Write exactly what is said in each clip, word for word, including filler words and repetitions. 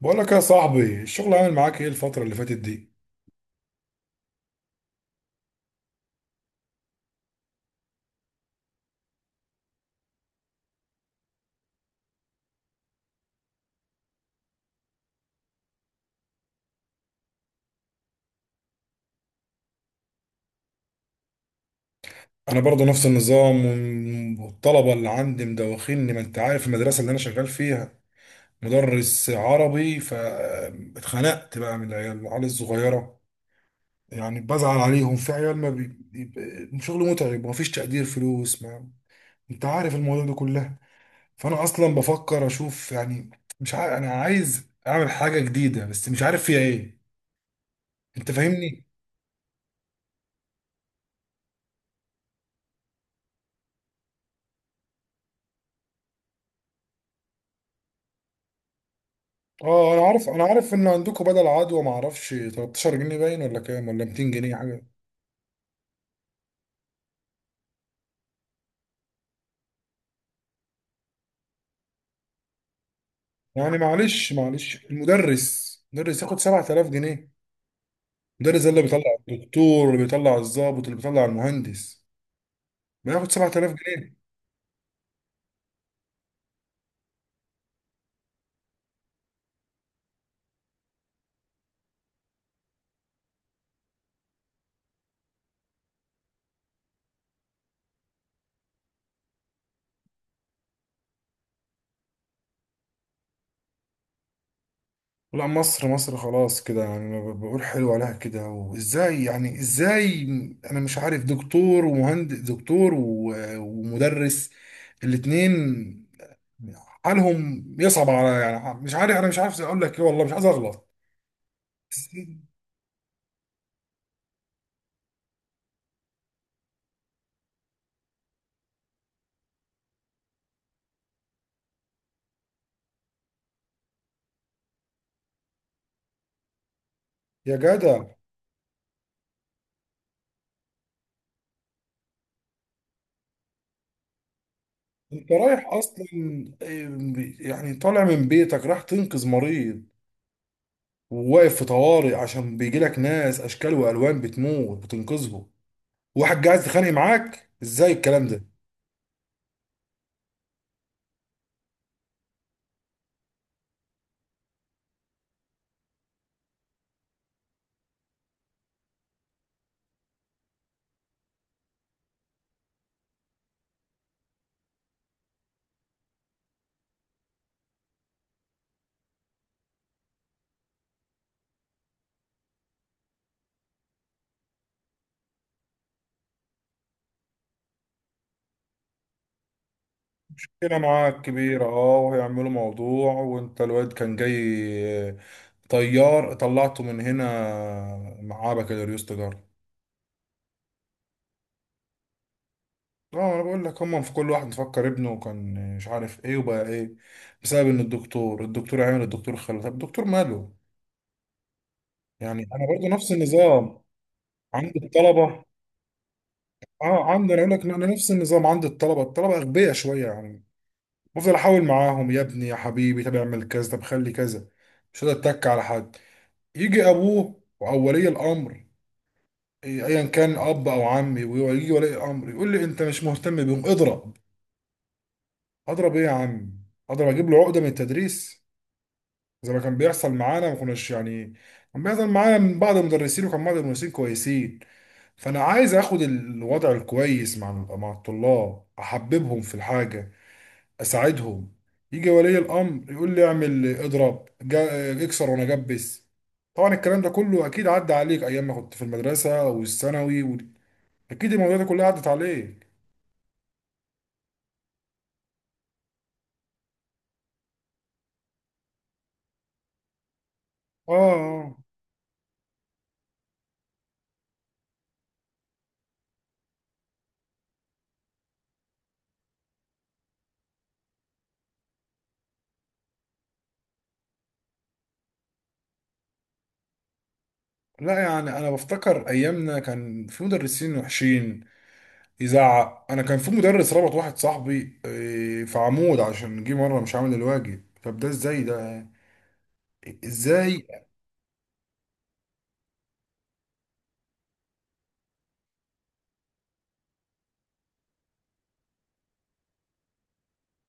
بقول لك يا صاحبي، الشغل عامل معاك ايه الفترة اللي فاتت دي؟ أنا برضه نفس النظام وم- والطلبة اللي عندي مدوخيني، ما أنت عارف المدرسة اللي أنا شغال فيها مدرس عربي. فاتخنقت بقى من العيال العيال الصغيرة، يعني بزعل عليهم. في عيال ما بي... بي- شغل متعب ومفيش تقدير، فلوس ما أنت عارف الموضوع ده كله. فأنا أصلا بفكر أشوف يعني، مش عارف، أنا عايز أعمل حاجة جديدة بس مش عارف فيها إيه. أنت فاهمني؟ اه، انا عارف، انا عارف ان عندكم بدل عدوى، ما اعرفش ثلاثة عشر جنيه باين، ولا كام، ولا ميتين جنيه حاجه. يعني معلش معلش، المدرس مدرس ياخد سبعة آلاف جنيه. المدرس ده اللي بيطلع الدكتور، اللي بيطلع الضابط، اللي بيطلع المهندس، بياخد سبع تلاف جنيه. لا، مصر مصر خلاص كده، يعني أنا ب- بقول حلو عليها كده. وازاي يعني، ازاي، انا مش عارف. دكتور ومهندس، دكتور و- ومدرس، الاتنين حالهم يصعب على. يعني مش عارف، انا مش عارف اقول لك ايه، والله مش عايز اغلط. بس يا جدع، انت رايح اصلا، آه، يعني طالع من بيتك راح تنقذ مريض، وواقف في طوارئ عشان بيجي لك ناس اشكال والوان بتموت بتنقذهم، واحد جاهز تخانق معاك. ازاي الكلام ده؟ كده معاك كبير. اه، وهيعملوا موضوع، وانت الواد كان جاي طيار طلعته من هنا، معاه بكالوريوس تجارة. اه انا بقول لك، هم في كل واحد مفكر ابنه كان مش عارف ايه وبقى ايه، بسبب ان الدكتور الدكتور. عامل الدكتور، خلى طب الدكتور ماله. يعني انا برضو نفس النظام عند الطلبة. اه عندي، انا اقول لك إن انا نفس النظام عند الطلبة. الطلبة اغبياء شوية يعني، بفضل احاول معاهم، يا ابني يا حبيبي طب اعمل كذا، طب خلي كذا. مش قادر اتك على حد. يجي ابوه او ولي الامر، إيه، ايا كان اب او عمي، ويجي ولي الامر يقول لي انت مش مهتم بيهم، اضرب. اضرب ايه يا عم؟ اضرب اجيب له عقده من التدريس؟ زي ما كان بيحصل معانا. ما كناش يعني، كان بيحصل معانا من بعض المدرسين، وكان بعض المدرسين كويسين. فانا عايز اخد الوضع الكويس مع مع الطلاب، احببهم في الحاجه، اساعدهم. يجي ولي الامر يقول لي اعمل، اضرب، جا- اكسر، وانا جبس. طبعا الكلام ده كله اكيد عدى عليك ايام ما كنت في المدرسه والثانوي وال... اكيد المواضيع دي كلها عدت عليك. اه. آه. لا يعني انا بفتكر ايامنا كان في مدرسين وحشين، يزعق. انا كان في مدرس ربط واحد صاحبي آه، في عمود عشان جه مره مش عامل الواجب. طب ده ازاي ده؟ ازاي؟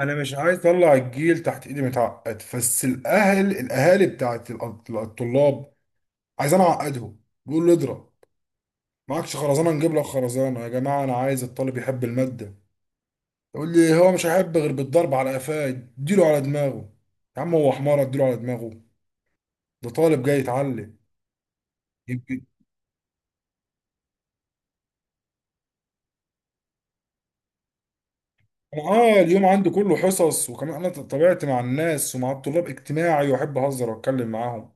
انا مش عايز اطلع الجيل تحت ايدي متعقد، بس الاهل، الاهالي بتاعت الأط- الطلاب عايزين اعقدهم. بيقول له اضرب، معكش خرزانه نجيب لك خرزانه. يا جماعه، انا عايز الطالب يحب الماده. يقول لي هو مش هيحب غير بالضرب. على قفاه اديله، على دماغه. يا عم هو حمار اديله على دماغه؟ ده طالب جاي يتعلم. يمكن، انا اه اليوم عندي كله حصص، وكمان انا طبيعتي مع الناس ومع الطلاب اجتماعي، واحب اهزر واتكلم معاهم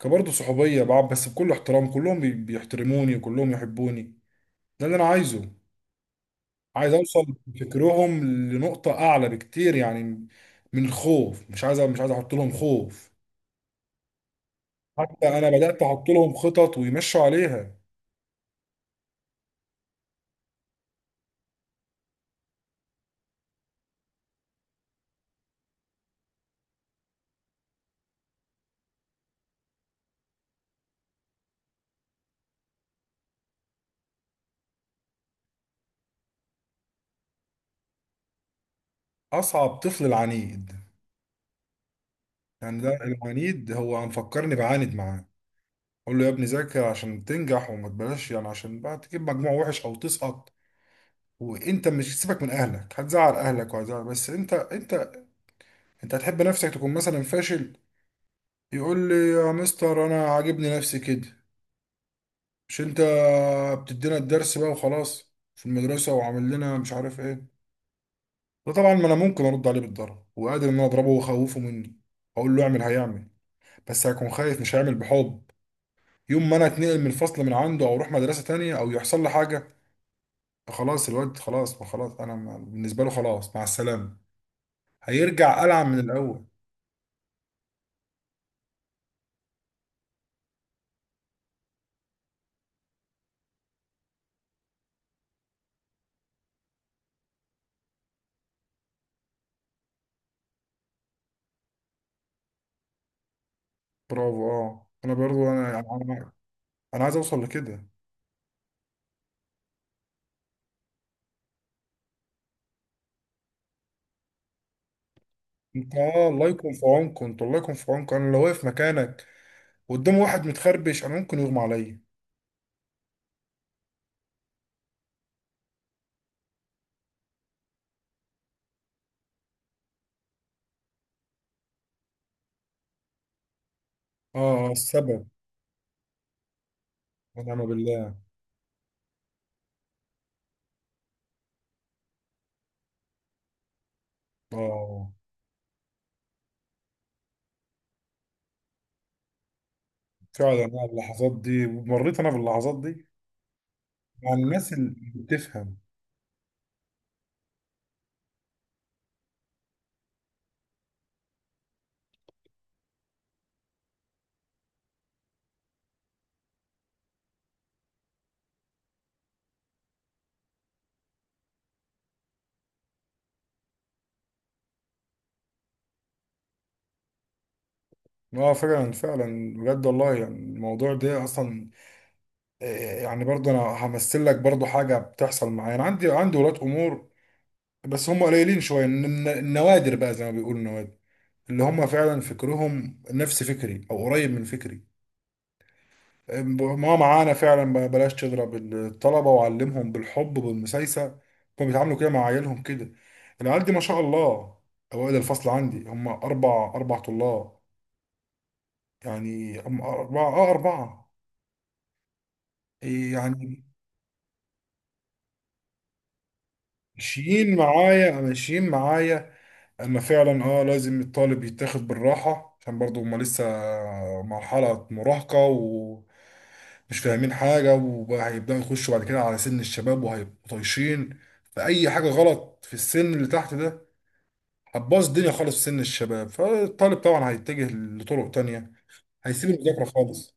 كبرضه صحوبية بقى، بس بكل احترام. كلهم بي- بيحترموني وكلهم يحبوني. ده اللي أنا عايزه. عايز أوصل بفكرهم لنقطة أعلى بكتير يعني، من الخوف. مش عايز مش عايز أحط لهم خوف، حتى أنا بدأت أحط لهم خطط ويمشوا عليها. أصعب طفل العنيد، يعني ده العنيد هو مفكرني بعاند معاه. أقول له يا ابني ذاكر عشان تنجح، وما تبلاش يعني، عشان بقى تجيب مجموع وحش أو تسقط. وانت مش سيبك من اهلك، هتزعل اهلك، وهتزعل. بس انت انت انت هتحب نفسك تكون مثلا فاشل؟ يقول لي يا مستر انا عاجبني نفسي كده. مش انت بتدينا الدرس بقى وخلاص في المدرسة، وعامل لنا مش عارف ايه. ده طبعا، ما انا ممكن ارد عليه بالضرب، وقادر ان انا اضربه واخوفه مني، اقول له اعمل هيعمل. بس هيكون خايف، مش هيعمل بحب. يوم ما انا اتنقل من الفصل من عنده، او اروح مدرسة تانية، او يحصل لي حاجة، خلاص الواد خلاص. ما خلاص، انا ما- بالنسبة له خلاص، مع السلامة، هيرجع ألعب من الاول. برافو. اه انا برضو انا يعني انا أنا عايز اوصل لكده. انت، اه، الله يكون في عونكم، انت الله يكون في عونكم انا لو واقف مكانك قدام واحد متخربش، انا ممكن يغمى عليا. اه، السبب، ونعم بالله. اه فعلا، انا اللحظات دي مريت انا باللحظات دي مع الناس اللي بتفهم. اه فعلا فعلا بجد والله، يعني الموضوع ده اصلا، آه، يعني برضه انا همثل لك برضه حاجه بتحصل معايا. انا عندي عندي ولاد امور، بس هم قليلين شويه، الن- النوادر بقى، زي ما بيقولوا النوادر، اللي هم فعلا فكرهم نفس فكري او قريب من فكري، ما معانا فعلا. ب- بلاش تضرب الطلبة، وعلمهم بالحب بالمسايسة. كانوا بيتعاملوا كده مع عيالهم، كده العيال دي ما شاء الله أوائل الفصل عندي. هم أربع أربع طلاب، يعني هم أربعة آه أربعة يعني. ماشيين معايا ماشيين معايا، ان فعلا اه لازم الطالب يتاخد بالراحه، عشان برضو هما لسه مرحله مراهقه، ومش فاهمين حاجه، وبقى هيبداوا يخشوا بعد كده على سن الشباب، وهيبقوا طايشين. فاي حاجه غلط في السن اللي تحت ده هتبوظ الدنيا خالص في سن الشباب، فالطالب طبعا هيتجه لطرق تانية، هيسيب المذاكره خالص.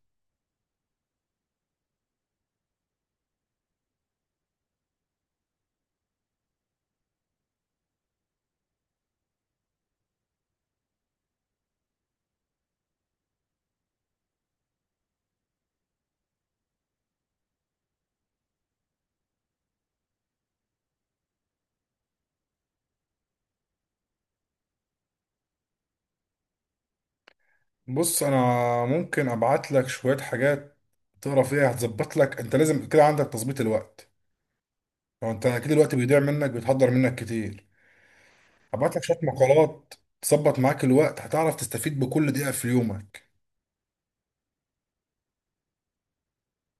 بص انا ممكن ابعت لك شويه حاجات تقرا فيها، هتظبط لك. انت لازم كده عندك تظبيط الوقت، لو انت اكيد الوقت بيضيع منك، بيتحضر منك كتير. هبعت لك شويه مقالات تظبط معاك الوقت، هتعرف تستفيد بكل دقيقه في يومك.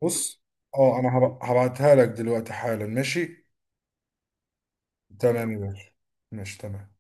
بص، اه انا هب- هبعتها لك دلوقتي حالا. ماشي، تمام يا باشا، ماشي تمام.